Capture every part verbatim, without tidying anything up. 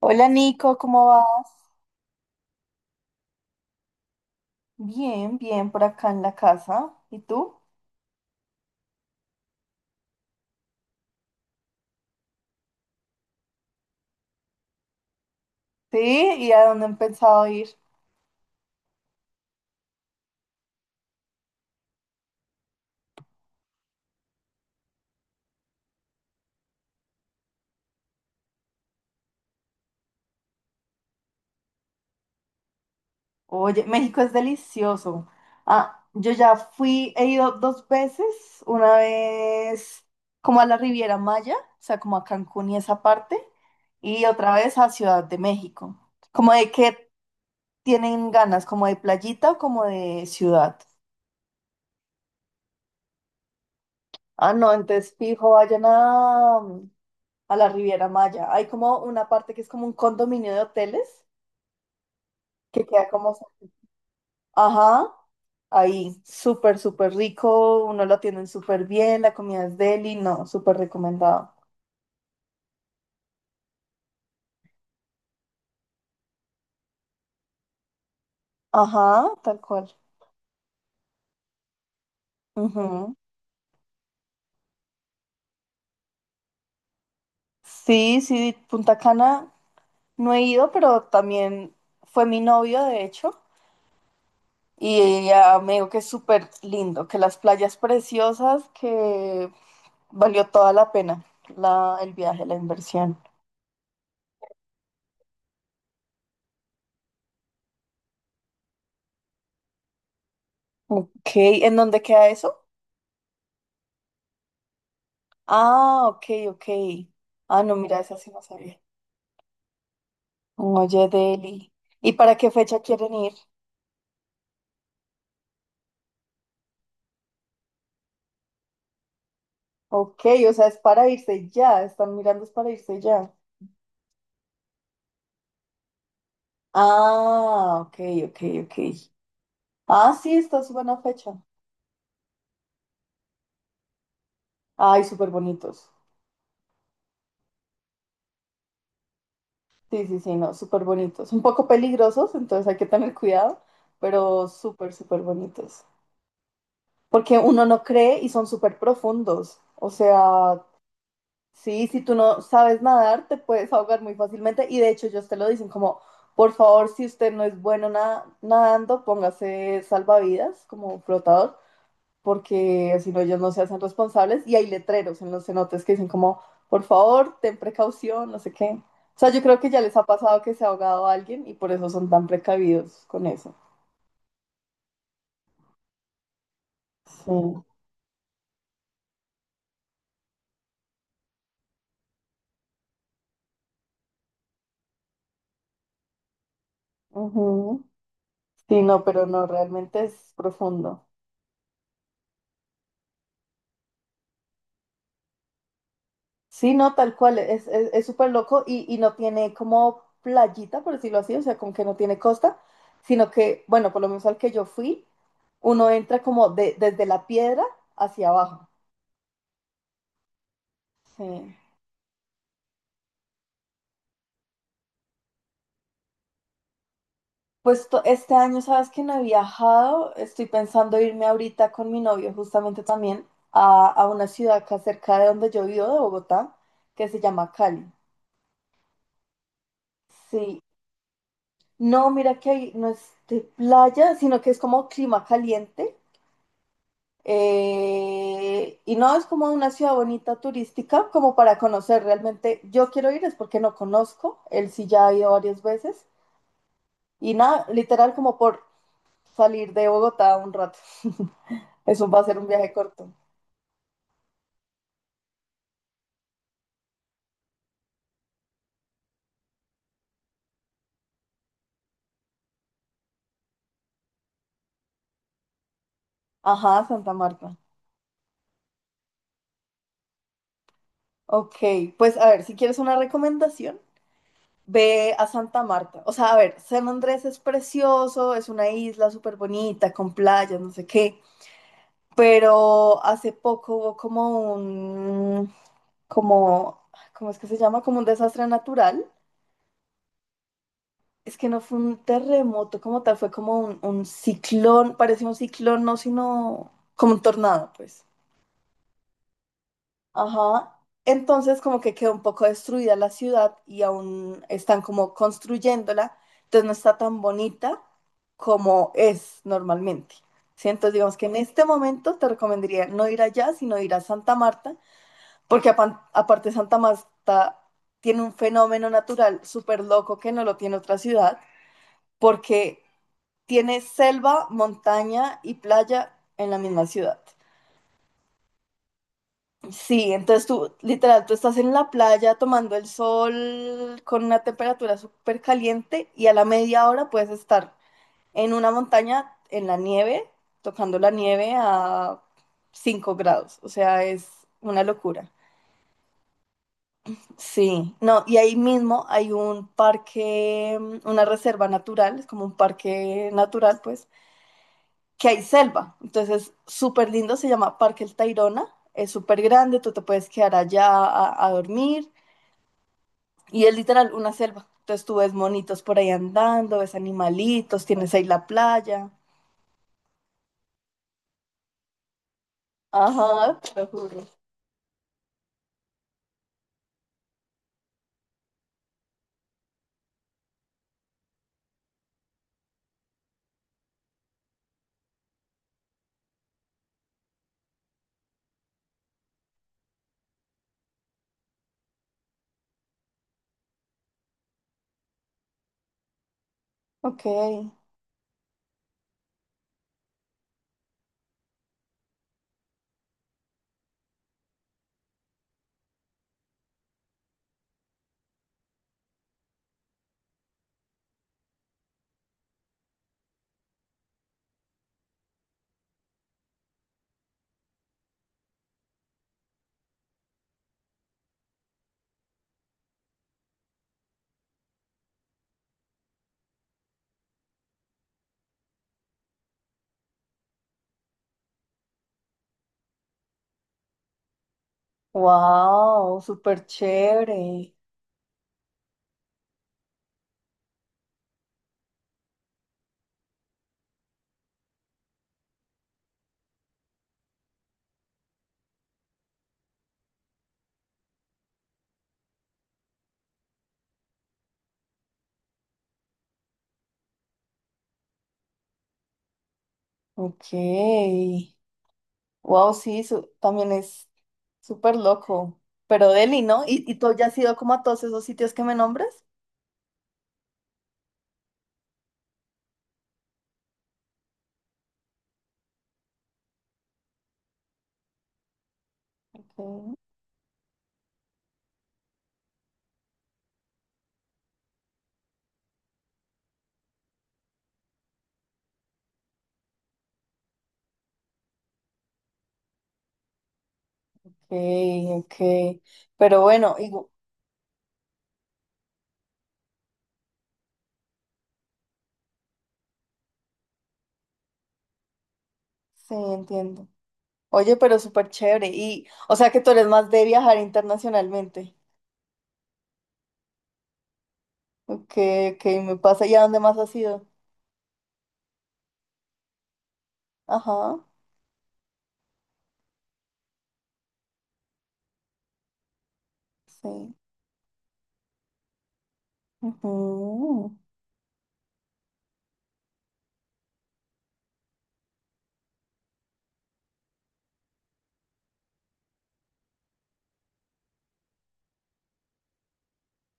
Hola Nico, ¿cómo vas? Bien, bien, por acá en la casa. ¿Y tú? Sí, ¿y a dónde han pensado ir? Oye, México es delicioso. Ah, yo ya fui, he ido dos veces, una vez como a la Riviera Maya, o sea, como a Cancún y esa parte, y otra vez a Ciudad de México. ¿Como de qué tienen ganas? ¿Como de playita o como de ciudad? Ah, no, entonces fijo, vayan a, a la Riviera Maya. Hay como una parte que es como un condominio de hoteles que queda como, ajá, ahí, súper, súper rico, uno lo atienden súper bien, la comida es deli, no, súper recomendado. Ajá, tal cual. Ujú. Sí, sí, Punta Cana no he ido, pero también fue mi novio, de hecho, y ella me dijo que es súper lindo, que las playas preciosas, que valió toda la pena la, el viaje, la inversión. Ok, ¿en dónde queda eso? Ah, ok, ok. Ah, no, mira, esa sí no sabía. Oye, Deli. ¿Y para qué fecha quieren ir? Ok, o sea, es para irse ya. Están mirando, es para irse ya. Ah, ok, ok, ok. Ah, sí, esta es buena fecha. Ay, súper bonitos. Sí, sí, sí, no, súper bonitos. Un poco peligrosos, entonces hay que tener cuidado, pero súper, súper bonitos. Porque uno no cree y son súper profundos. O sea, sí, si tú no sabes nadar, te puedes ahogar muy fácilmente. Y de hecho, ellos te lo dicen como, por favor, si usted no es bueno na- nadando, póngase salvavidas como flotador, porque si no, ellos no se hacen responsables. Y hay letreros en los cenotes que dicen como, por favor, ten precaución, no sé qué. O sea, yo creo que ya les ha pasado que se ha ahogado alguien y por eso son tan precavidos con eso. Sí. Ujú. Sí, no, pero no, realmente es profundo. Sí, no, tal cual, es, es, es súper loco y, y no tiene como playita, por decirlo así, o sea, como que no tiene costa, sino que, bueno, por lo menos al que yo fui, uno entra como de- desde la piedra hacia abajo. Sí. Pues to- este año, sabes que no he viajado, estoy pensando irme ahorita con mi novio justamente también a, a, una ciudad acá cerca de donde yo vivo, de Bogotá, que se llama Cali. Sí, no, mira que ahí no es de playa, sino que es como clima caliente. Eh, y no es como una ciudad bonita turística, como para conocer realmente. Yo quiero ir es porque no conozco, él sí ya ha ido varias veces. Y nada, literal como por salir de Bogotá un rato. Eso va a ser un viaje corto. Ajá, Santa Marta. Ok, pues a ver, si quieres una recomendación, ve a Santa Marta. O sea, a ver, San Andrés es precioso, es una isla súper bonita, con playas, no sé qué. Pero hace poco hubo como un como, ¿cómo es que se llama? Como un desastre natural. Es que no fue un terremoto como tal, fue como un, un ciclón, parecía un ciclón, no, sino como un tornado, pues. Ajá. Entonces como que quedó un poco destruida la ciudad y aún están como construyéndola, entonces no está tan bonita como es normalmente. ¿Sí? Entonces digamos que en este momento te recomendaría no ir allá, sino ir a Santa Marta, porque apan- aparte Santa Marta tiene un fenómeno natural súper loco que no lo tiene otra ciudad, porque tiene selva, montaña y playa en la misma ciudad. Sí, entonces tú, literal, tú estás en la playa tomando el sol con una temperatura súper caliente y a la media hora puedes estar en una montaña en la nieve, tocando la nieve a cinco grados. O sea, es una locura. Sí, no, y ahí mismo hay un parque, mm, una reserva natural, es como un parque natural, pues, que hay selva. Entonces, súper lindo, se llama Parque El Tayrona, es súper grande, tú te puedes quedar allá a, a, dormir y es literal una selva. Entonces, tú ves monitos por ahí andando, ves animalitos, tienes ahí la playa. Ajá, te lo juro. Ok, wow, súper chévere. Ok. Wow, sí, su- también es súper loco. Pero Delhi, ¿no? ¿Y, y tú ya has ido como a todos esos sitios que me nombres? Ok, ok. Pero bueno, igu- sí, entiendo. Oye, pero súper chévere. Y, o sea que tú eres más de viajar internacionalmente. Ok, ok, me pasa. ¿Y a dónde más has ido? Ajá, sí. Ujú.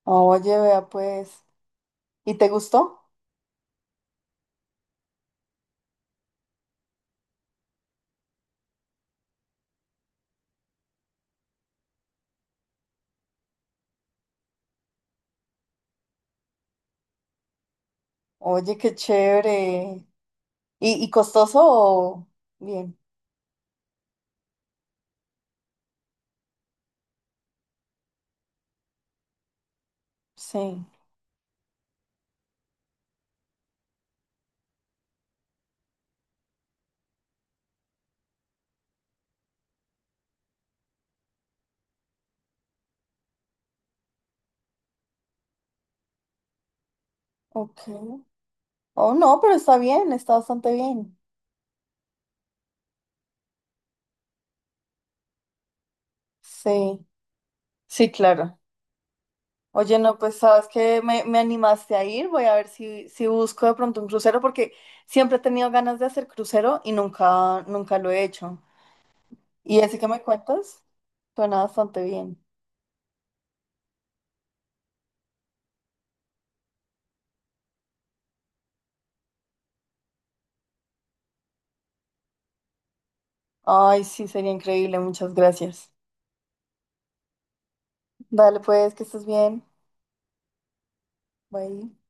Oye, vea pues. ¿Y te gustó? Oye, qué chévere. ¿Y, y costoso o bien? Sí. Ok. Oh, no, pero está bien, está bastante bien. Sí, sí, claro. Oye, no, pues sabes que me, me animaste a ir, voy a ver si, si, busco de pronto un crucero, porque siempre he tenido ganas de hacer crucero y nunca, nunca lo he hecho. Y ese que me cuentas suena bastante bien. Ay, sí, sería increíble, muchas gracias. Dale pues, que estés bien. Bye.